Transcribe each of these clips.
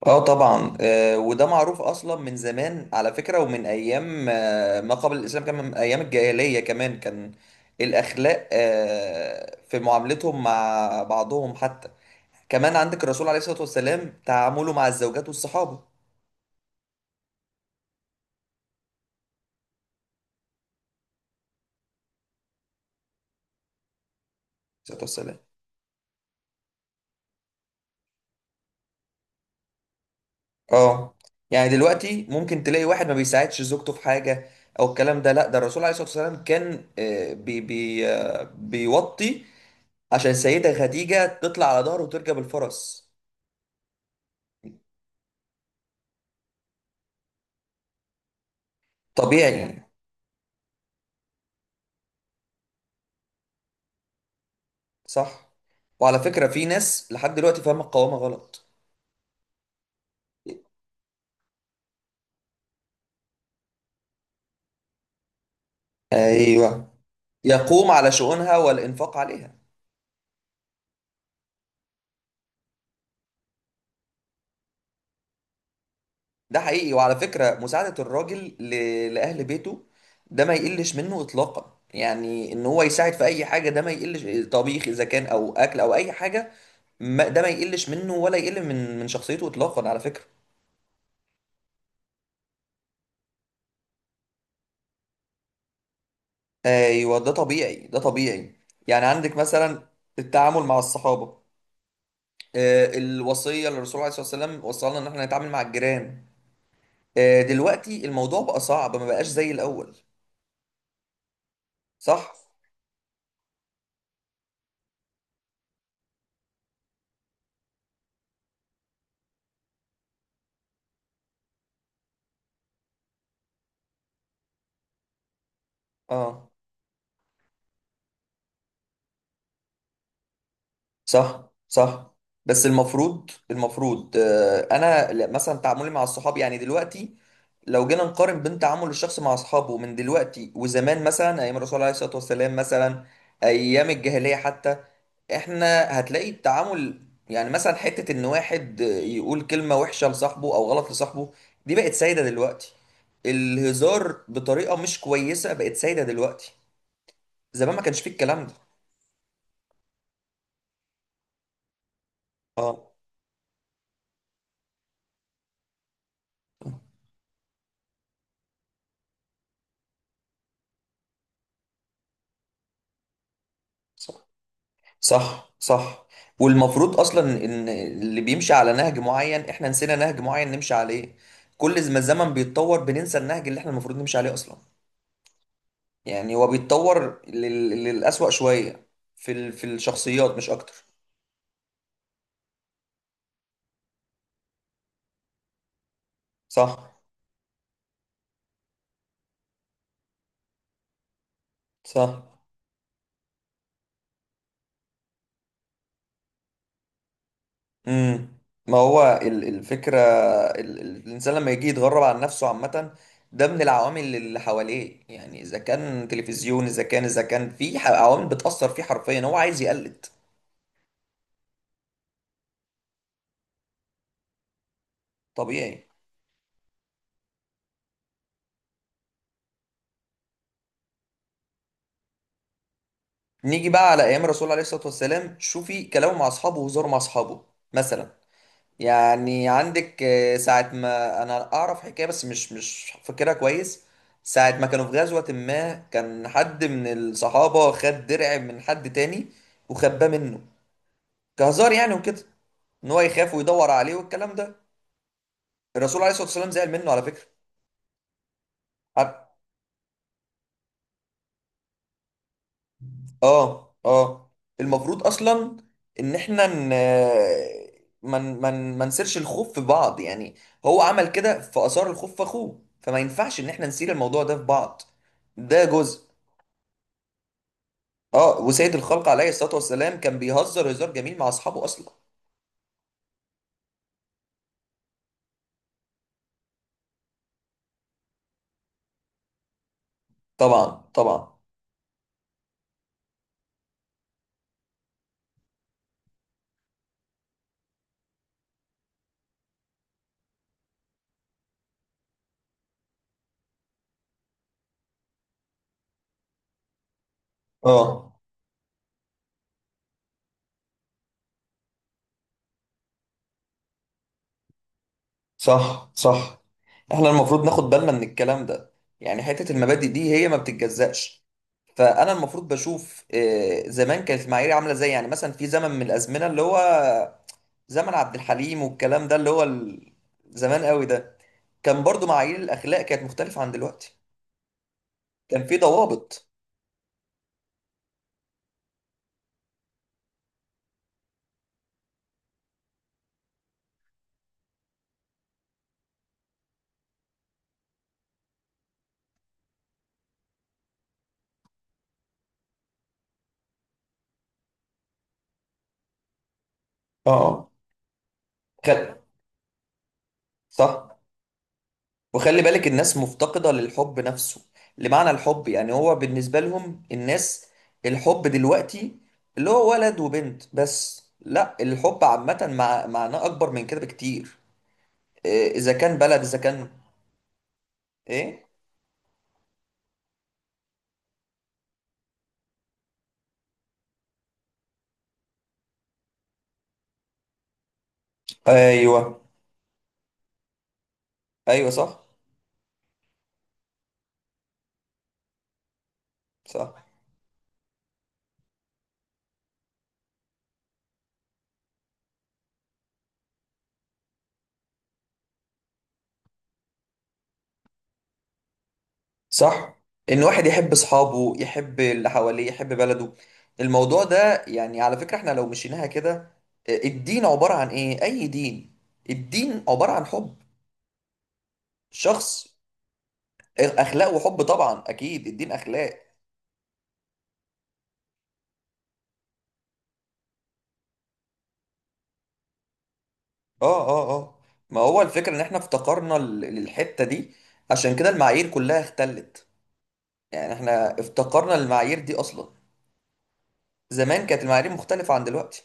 اه طبعا، وده معروف اصلا من زمان على فكره، ومن ايام ما قبل الاسلام كمان، من ايام الجاهليه كمان كان الاخلاق في معاملتهم مع بعضهم حتى. كمان عندك الرسول عليه الصلاه والسلام تعامله مع الزوجات والصحابه عليه الصلاه والسلام. اه، يعني دلوقتي ممكن تلاقي واحد ما بيساعدش زوجته في حاجه او الكلام ده. لا، ده الرسول عليه الصلاه والسلام كان آه، بي بي آه، بيوطي عشان السيده خديجه تطلع على ظهره وتركب الفرس. طبيعي يعني. صح. وعلى فكرة، في ناس لحد دلوقتي فاهمة القوامة غلط. ايوه. يقوم على شؤونها والانفاق عليها. ده حقيقي. وعلى فكرة، مساعدة الراجل لأهل بيته ده ما يقلش منه إطلاقا، يعني إن هو يساعد في أي حاجة ده ما يقلش، طبيخ إذا كان أو أكل أو أي حاجة. ما... ده ما يقلش منه ولا يقل من شخصيته إطلاقا على فكرة. ايوه، ده طبيعي ده طبيعي. يعني عندك مثلا التعامل مع الصحابة. الوصيه اللي الرسول عليه الصلاه والسلام وصلنا ان احنا نتعامل مع الجيران. دلوقتي الموضوع بقى صعب، ما بقاش زي الاول. صح. اه، صح صح. بس المفروض انا مثلا تعاملي مع الصحاب يعني دلوقتي. لو جينا نقارن بين تعامل الشخص مع اصحابه من دلوقتي وزمان، مثلا ايام الرسول عليه الصلاه والسلام، مثلا ايام الجاهليه حتى، احنا هتلاقي التعامل. يعني مثلا حته ان واحد يقول كلمه وحشه لصاحبه او غلط لصاحبه، دي بقت سايده دلوقتي. الهزار بطريقه مش كويسه بقت سايده دلوقتي. زمان ما كانش فيه الكلام ده. اه. صح صح صح. والمفروض اصلا ان اللي بيمشي على نهج معين، احنا نسينا نهج معين نمشي عليه. كل ما الزمن بيتطور، بننسى النهج اللي احنا المفروض نمشي عليه اصلا. يعني هو بيتطور للأسوأ شوية في الشخصيات مش اكتر. صح صح. امم. ما هو الفكرة. الانسان لما يجي يتغرب عن نفسه عامة، ده من العوامل اللي حواليه. يعني اذا كان تلفزيون، اذا كان في عوامل بتأثر فيه حرفيا، هو عايز يقلد. طبيعي. نيجي بقى على ايام الرسول عليه الصلاه والسلام، شوفي كلامه مع اصحابه وهزاره مع اصحابه مثلا. يعني عندك ساعه ما انا اعرف حكايه بس مش فاكرها كويس. ساعه ما كانوا في غزوه، ما كان حد من الصحابه خد درع من حد تاني وخباه منه كهزار يعني وكده، ان هو يخاف ويدور عليه والكلام ده. الرسول عليه الصلاه والسلام زعل منه على فكره. اه اه. المفروض اصلا ان احنا ن... ما من... من... ما نسيرش الخوف في بعض يعني. هو عمل كده فاثار الخوف في اخوه، فما ينفعش ان احنا نسير الموضوع ده في بعض. ده جزء. اه، وسيد الخلق عليه الصلاة والسلام كان بيهزر هزار جميل مع اصحابه اصلا. طبعا طبعا. اه، صح صح. احنا المفروض ناخد بالنا من الكلام ده. يعني حتة المبادئ دي هي ما بتتجزأش. فانا المفروض بشوف زمان كانت المعايير عامله ازاي. يعني مثلا في زمن من الازمنه اللي هو زمن عبد الحليم والكلام ده، اللي هو زمان قوي ده، كان برضو معايير الاخلاق كانت مختلفه عن دلوقتي، كان في ضوابط. اه. خل... صح. وخلي بالك الناس مفتقدة للحب نفسه، لمعنى الحب. يعني هو بالنسبة لهم الناس، الحب دلوقتي اللي هو ولد وبنت بس. لا، الحب عامة معناه أكبر من كده بكتير. إذا كان بلد إذا كان إيه. ايوه ايوه. صح صح صح. ان واحد يحب اصحابه، يحب اللي حواليه، يحب بلده. الموضوع ده يعني على فكرة احنا لو مشيناها كده، الدين عبارة عن ايه؟ اي دين، الدين عبارة عن حب، شخص. اخلاق وحب، طبعا اكيد الدين اخلاق. اه اه اه. ما هو الفكرة ان احنا افتقرنا للحتة دي، عشان كده المعايير كلها اختلت. يعني احنا افتقرنا للمعايير دي اصلا. زمان كانت المعايير مختلفة عن دلوقتي.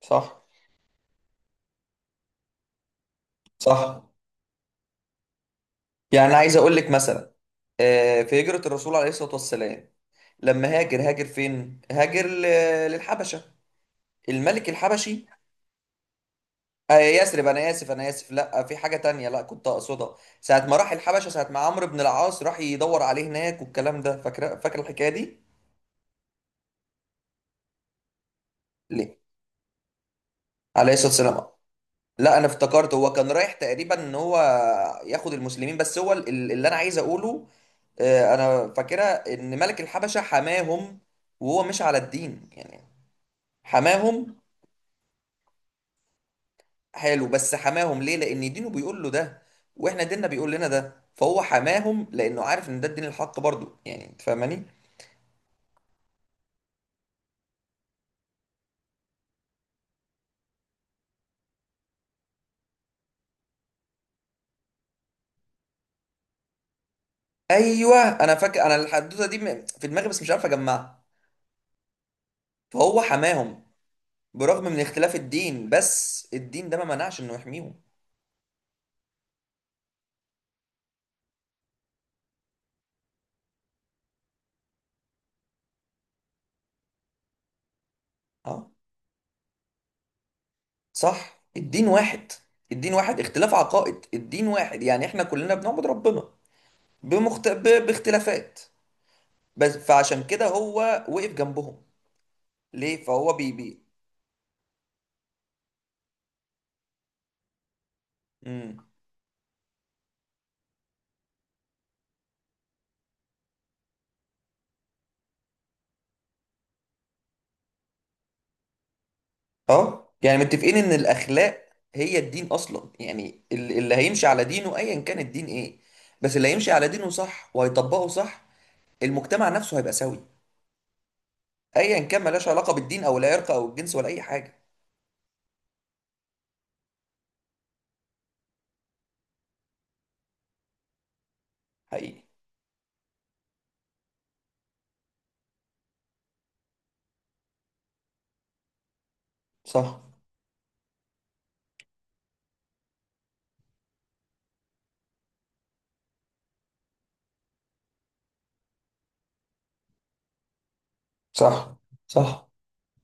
صح صح. يعني عايز اقول لك مثلا، في هجرة الرسول عليه الصلاة والسلام، لما هاجر هاجر فين؟ هاجر للحبشة، الملك الحبشي. يثرب، انا اسف انا اسف، لا في حاجة تانية لا كنت اقصدها. ساعة ما راح الحبشة، ساعة ما عمرو بن العاص راح يدور عليه هناك والكلام ده، فاكر فاكر الحكاية دي؟ ليه؟ عليه الصلاة والسلام. لا، انا افتكرت هو كان رايح تقريبا ان هو ياخد المسلمين، بس هو اللي انا عايز اقوله، انا فاكرة ان ملك الحبشة حماهم، وهو مش على الدين يعني. حماهم. حلو، بس حماهم ليه؟ لان دينه بيقول له ده، واحنا ديننا بيقول لنا ده. فهو حماهم لانه عارف ان ده الدين الحق برضو، يعني انت فاهماني؟ ايوه. انا فاكر الحدوته دي في دماغي بس مش عارف اجمعها. فهو حماهم برغم من اختلاف الدين، بس الدين ده ما منعش انه يحميهم. اه، صح. الدين واحد. الدين واحد، اختلاف عقائد، الدين واحد. يعني احنا كلنا بنعبد ربنا باختلافات بس، فعشان كده هو وقف جنبهم. ليه؟ فهو بي بي مم. اه، يعني متفقين ان الاخلاق هي الدين اصلا. يعني اللي هيمشي على دينه ايا كان الدين ايه، بس اللي هيمشي على دينه صح وهيطبقه صح، المجتمع نفسه هيبقى سوي، ايا كان. ملهاش علاقة بالدين او العرق او الجنس ولا اي حاجة. حقيقي. صح صح صح.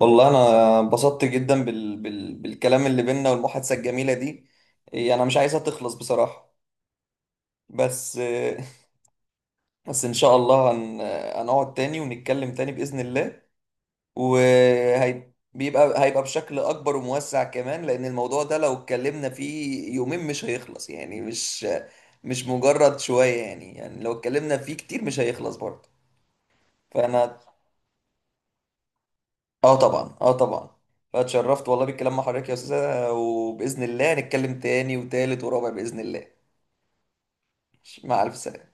والله انا انبسطت جدا بالكلام اللي بينا والمحادثة الجميلة دي. انا مش عايزها تخلص بصراحة. بس بس ان شاء الله هنقعد تاني ونتكلم تاني بإذن الله. وهيبقى بشكل اكبر وموسع كمان، لان الموضوع ده لو اتكلمنا فيه يومين مش هيخلص يعني، مش مجرد شوية يعني، يعني لو اتكلمنا فيه كتير مش هيخلص برضه. فانا، اه طبعا اه طبعا. فاتشرفت والله بالكلام مع حضرتك يا استاذة، وباذن الله نتكلم تاني وتالت ورابع باذن الله. مع الف سلامة.